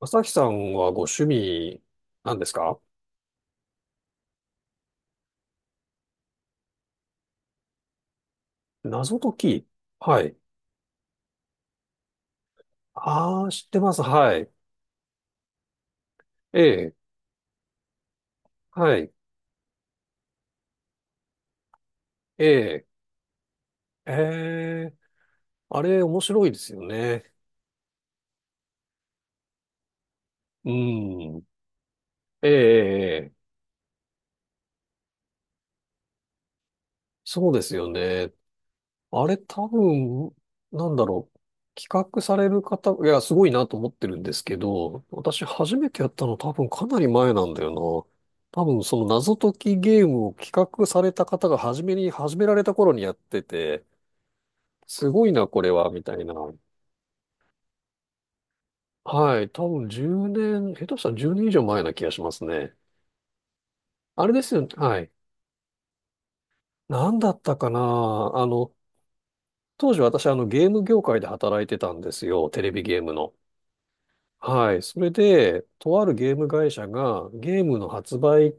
朝日さんはご趣味なんですか？謎解き。はい。ああ、知ってます。はい。ええ。はい。ええ。ええ。あれ、面白いですよね。うん。ええ。ええそうですよね。あれ、多分、なんだろう。企画される方、いや、すごいなと思ってるんですけど、私初めてやったの多分かなり前なんだよな。多分その謎解きゲームを企画された方が初めに始められた頃にやってて、すごいな、これは、みたいな。はい。多分10年、下手したら10年以上前な気がしますね。あれですよね。はい。何だったかな。当時私、ゲーム業界で働いてたんですよ。テレビゲームの。はい。それで、とあるゲーム会社がゲームの発売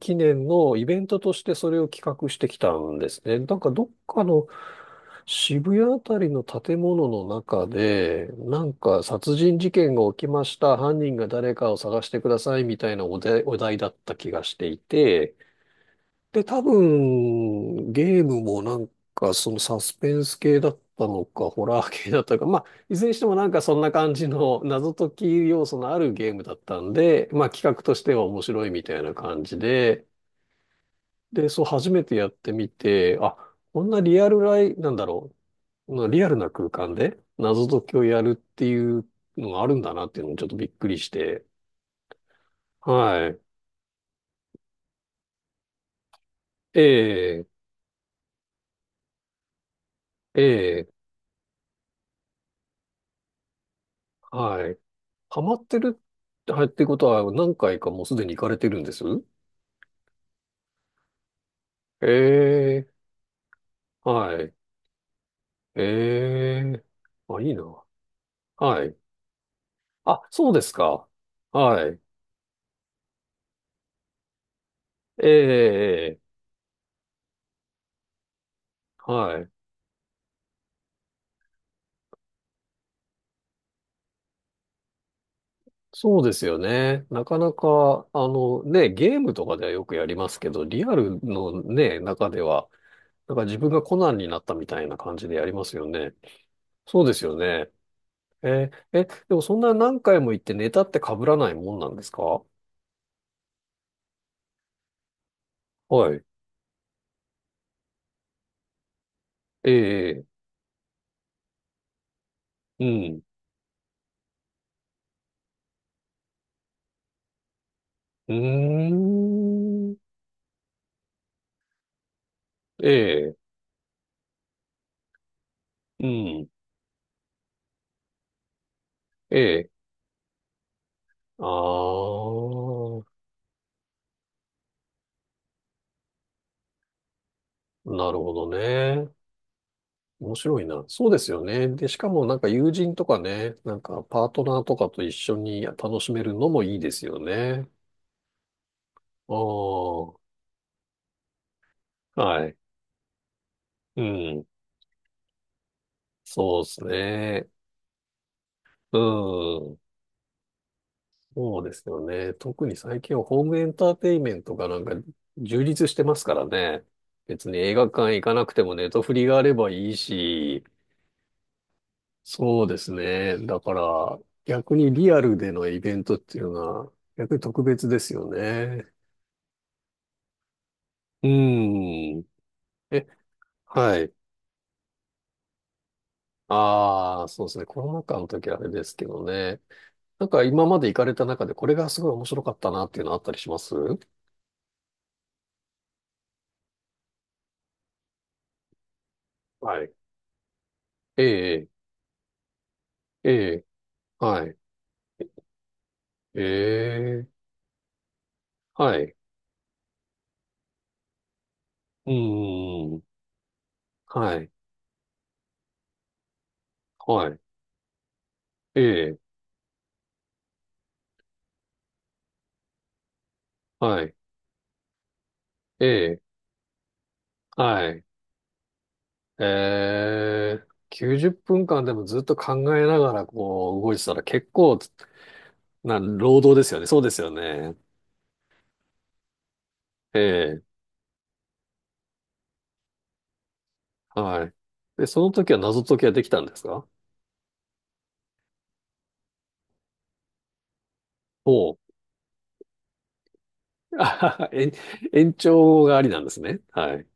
記念のイベントとしてそれを企画してきたんですね。なんかどっかの渋谷あたりの建物の中で、なんか殺人事件が起きました。犯人が誰かを探してくださいみたいなお題だった気がしていて、で、多分、ゲームもそのサスペンス系だったのか、ホラー系だったのか、まあ、いずれにしてもなんかそんな感じの謎解き要素のあるゲームだったんで、まあ企画としては面白いみたいな感じで、で、そう初めてやってみて、あ、こんなリアルライ、なんだろう、なリアルな空間で謎解きをやるっていうのがあるんだなっていうのにちょっとびっくりして、はい。ええええはい。ハマってるって、はい、ってことは何回かもうすでに行かれてるんですええはい。ええあ、いいな。はい。あ、そうですか。はい。ええはい。そうですよね。なかなか、あのね、ゲームとかではよくやりますけど、リアルのね、中では、なんか自分がコナンになったみたいな感じでやりますよね。そうですよね。えええ、でもそんな何回も行ってネタって被らないもんなんですか？はい。ええうん。うーん。ええ。うん。ええ。ああ、なるほどね。面白いな。そうですよね。で、しかもなんか友人とかね、なんかパートナーとかと一緒に楽しめるのもいいですよね。ああ、はい。うん。そうですね。うん。そうですよね。特に最近はホームエンターテインメントがなんか充実してますからね。別に映画館行かなくてもネットフリがあればいいし、そうですね。だから逆にリアルでのイベントっていうのは逆に特別ですよね。うん。え、はい。ああ、そうですね。コロナ禍の時はあれですけどね。なんか今まで行かれた中でこれがすごい面白かったなっていうのあったりしますはい。ええ、ええ、はい。ええ、はい。うーん、はい、はい、ええ、はい、ええ、はい、ええ、90分間でもずっと考えながらこう動いてたら結構な労働ですよね。そうですよね。ええ、はい。で、その時は謎解きはできたんですか？おう。あはは延長がありなんですね。はい。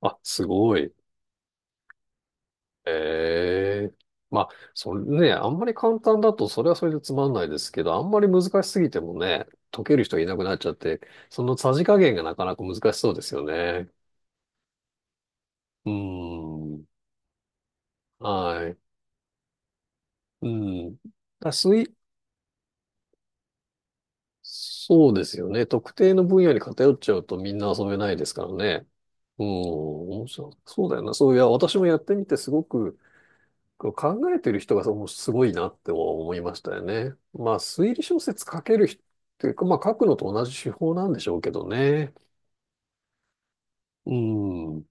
あ、すごい。ええまあ、それね、あんまり簡単だと、それはそれでつまんないですけど、あんまり難しすぎてもね、解ける人がいなくなっちゃって、そのさじ加減がなかなか難しそうですよね。うーん。はい。うん。だすい、そうですよね。特定の分野に偏っちゃうとみんな遊べないですからね。うん。面白いそうだよな。そういや、私もやってみてすごく、こう考えてる人がそのすごいなって思いましたよね。まあ、推理小説書ける人っていうか、まあ、書くのと同じ手法なんでしょうけどね。うん。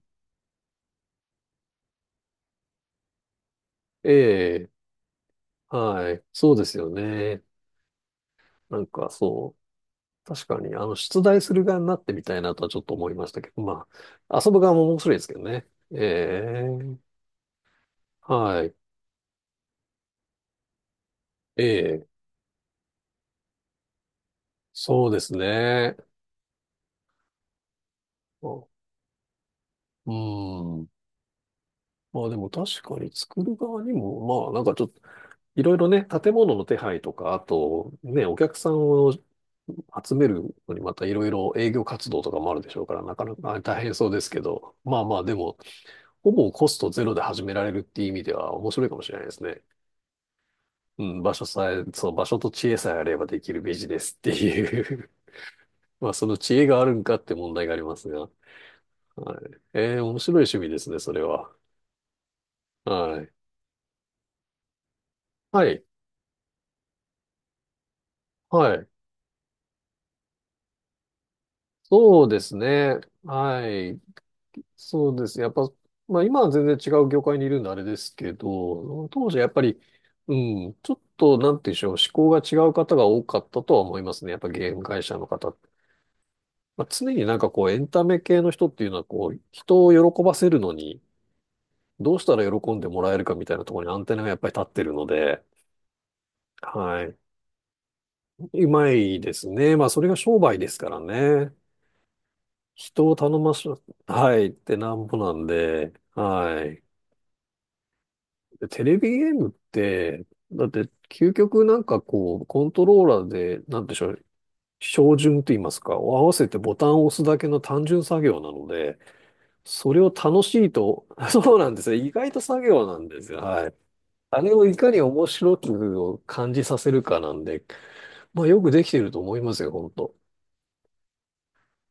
ええ、はい。そうですよね。なんか、そう。確かに、出題する側になってみたいなとはちょっと思いましたけど、まあ、遊ぶ側も面白いですけどね。ええ、はい。ええ、そうですね。うん。まあでも確かに作る側にも、まあなんかちょっと、いろいろね、建物の手配とか、あとね、お客さんを集めるのにまたいろいろ営業活動とかもあるでしょうから、なかなか大変そうですけど、まあまあでも、ほぼコストゼロで始められるっていう意味では面白いかもしれないですね。うん、場所さえ、そう、場所と知恵さえあればできるビジネスっていう。 まあその知恵があるんかって問題がありますが。はい。面白い趣味ですね、それは。はい。はい。はい。そうですね。はい。そうですね。やっぱ、まあ今は全然違う業界にいるんであれですけど、当時はやっぱり、うん、ちょっと、なんて言うんでしょう、思考が違う方が多かったとは思いますね。やっぱゲーム会社の方って。まあ、常になんかこう、エンタメ系の人っていうのはこう、人を喜ばせるのに、どうしたら喜んでもらえるかみたいなところにアンテナがやっぱり立ってるので、はい。うまいですね。まあそれが商売ですからね。人を頼ましょはい、ってなんぼなんで、はい。でテレビゲームって、だって、究極なんかこう、コントローラーで、なんでしょう、照準と言いますか、を合わせてボタンを押すだけの単純作業なので、それを楽しいと、そうなんですよ。意外と作業なんですよ。はい。あれをいかに面白くを感じさせるかなんで、まあよくできてると思いますよ、本当。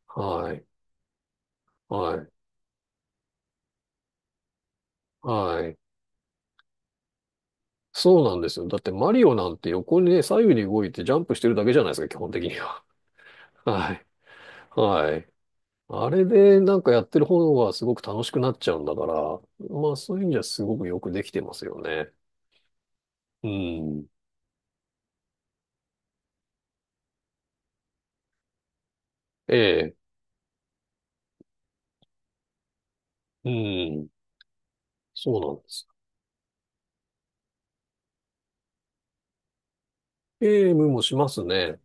はい。はい。はい。そうなんですよ。だってマリオなんて横にね、左右に動いてジャンプしてるだけじゃないですか、基本的には。はい。はい。あれでなんかやってる方がすごく楽しくなっちゃうんだから、まあそういう意味ではすごくよくできてますよね。うん。ええ。うん。そうなんです。ゲームもしますね。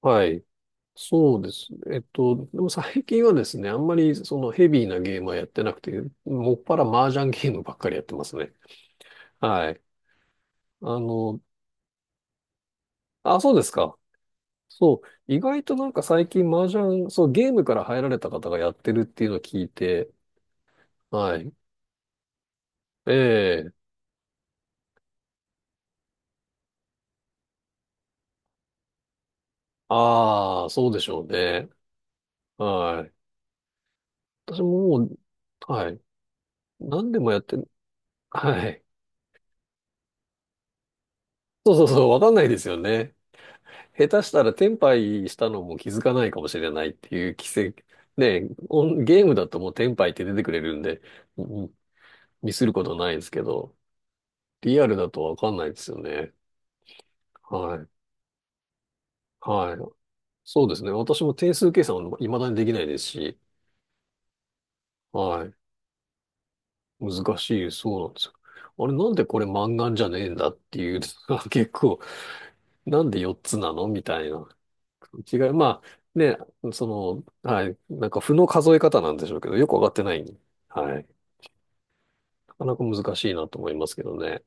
はい。そうですね。でも最近はですね、あんまりそのヘビーなゲームはやってなくて、もっぱら麻雀ゲームばっかりやってますね。はい。あの、あ、そうですか。そう、意外となんか最近麻雀、そう、ゲームから入られた方がやってるっていうのを聞いて、はい。ええ、ああ、そうでしょうね。はい。私ももう、はい。何でもやって、はい。そうそうそう、わかんないですよね。下手したら転敗したのも気づかないかもしれないっていう奇跡。ね、オンゲームだともう転敗って出てくれるんで、うんミスることないですけど、リアルだとわかんないですよね。はい。はい。そうですね。私も定数計算は未だにできないですし、はい。難しい、そうなんですよ。あれ、なんでこれ満願じゃねえんだっていうのが 結構、なんで4つなのみたいな違い。まあ、ね、その、はい。なんか、負の数え方なんでしょうけど、よくわかってない。はい。なかなか難しいなと思いますけどね。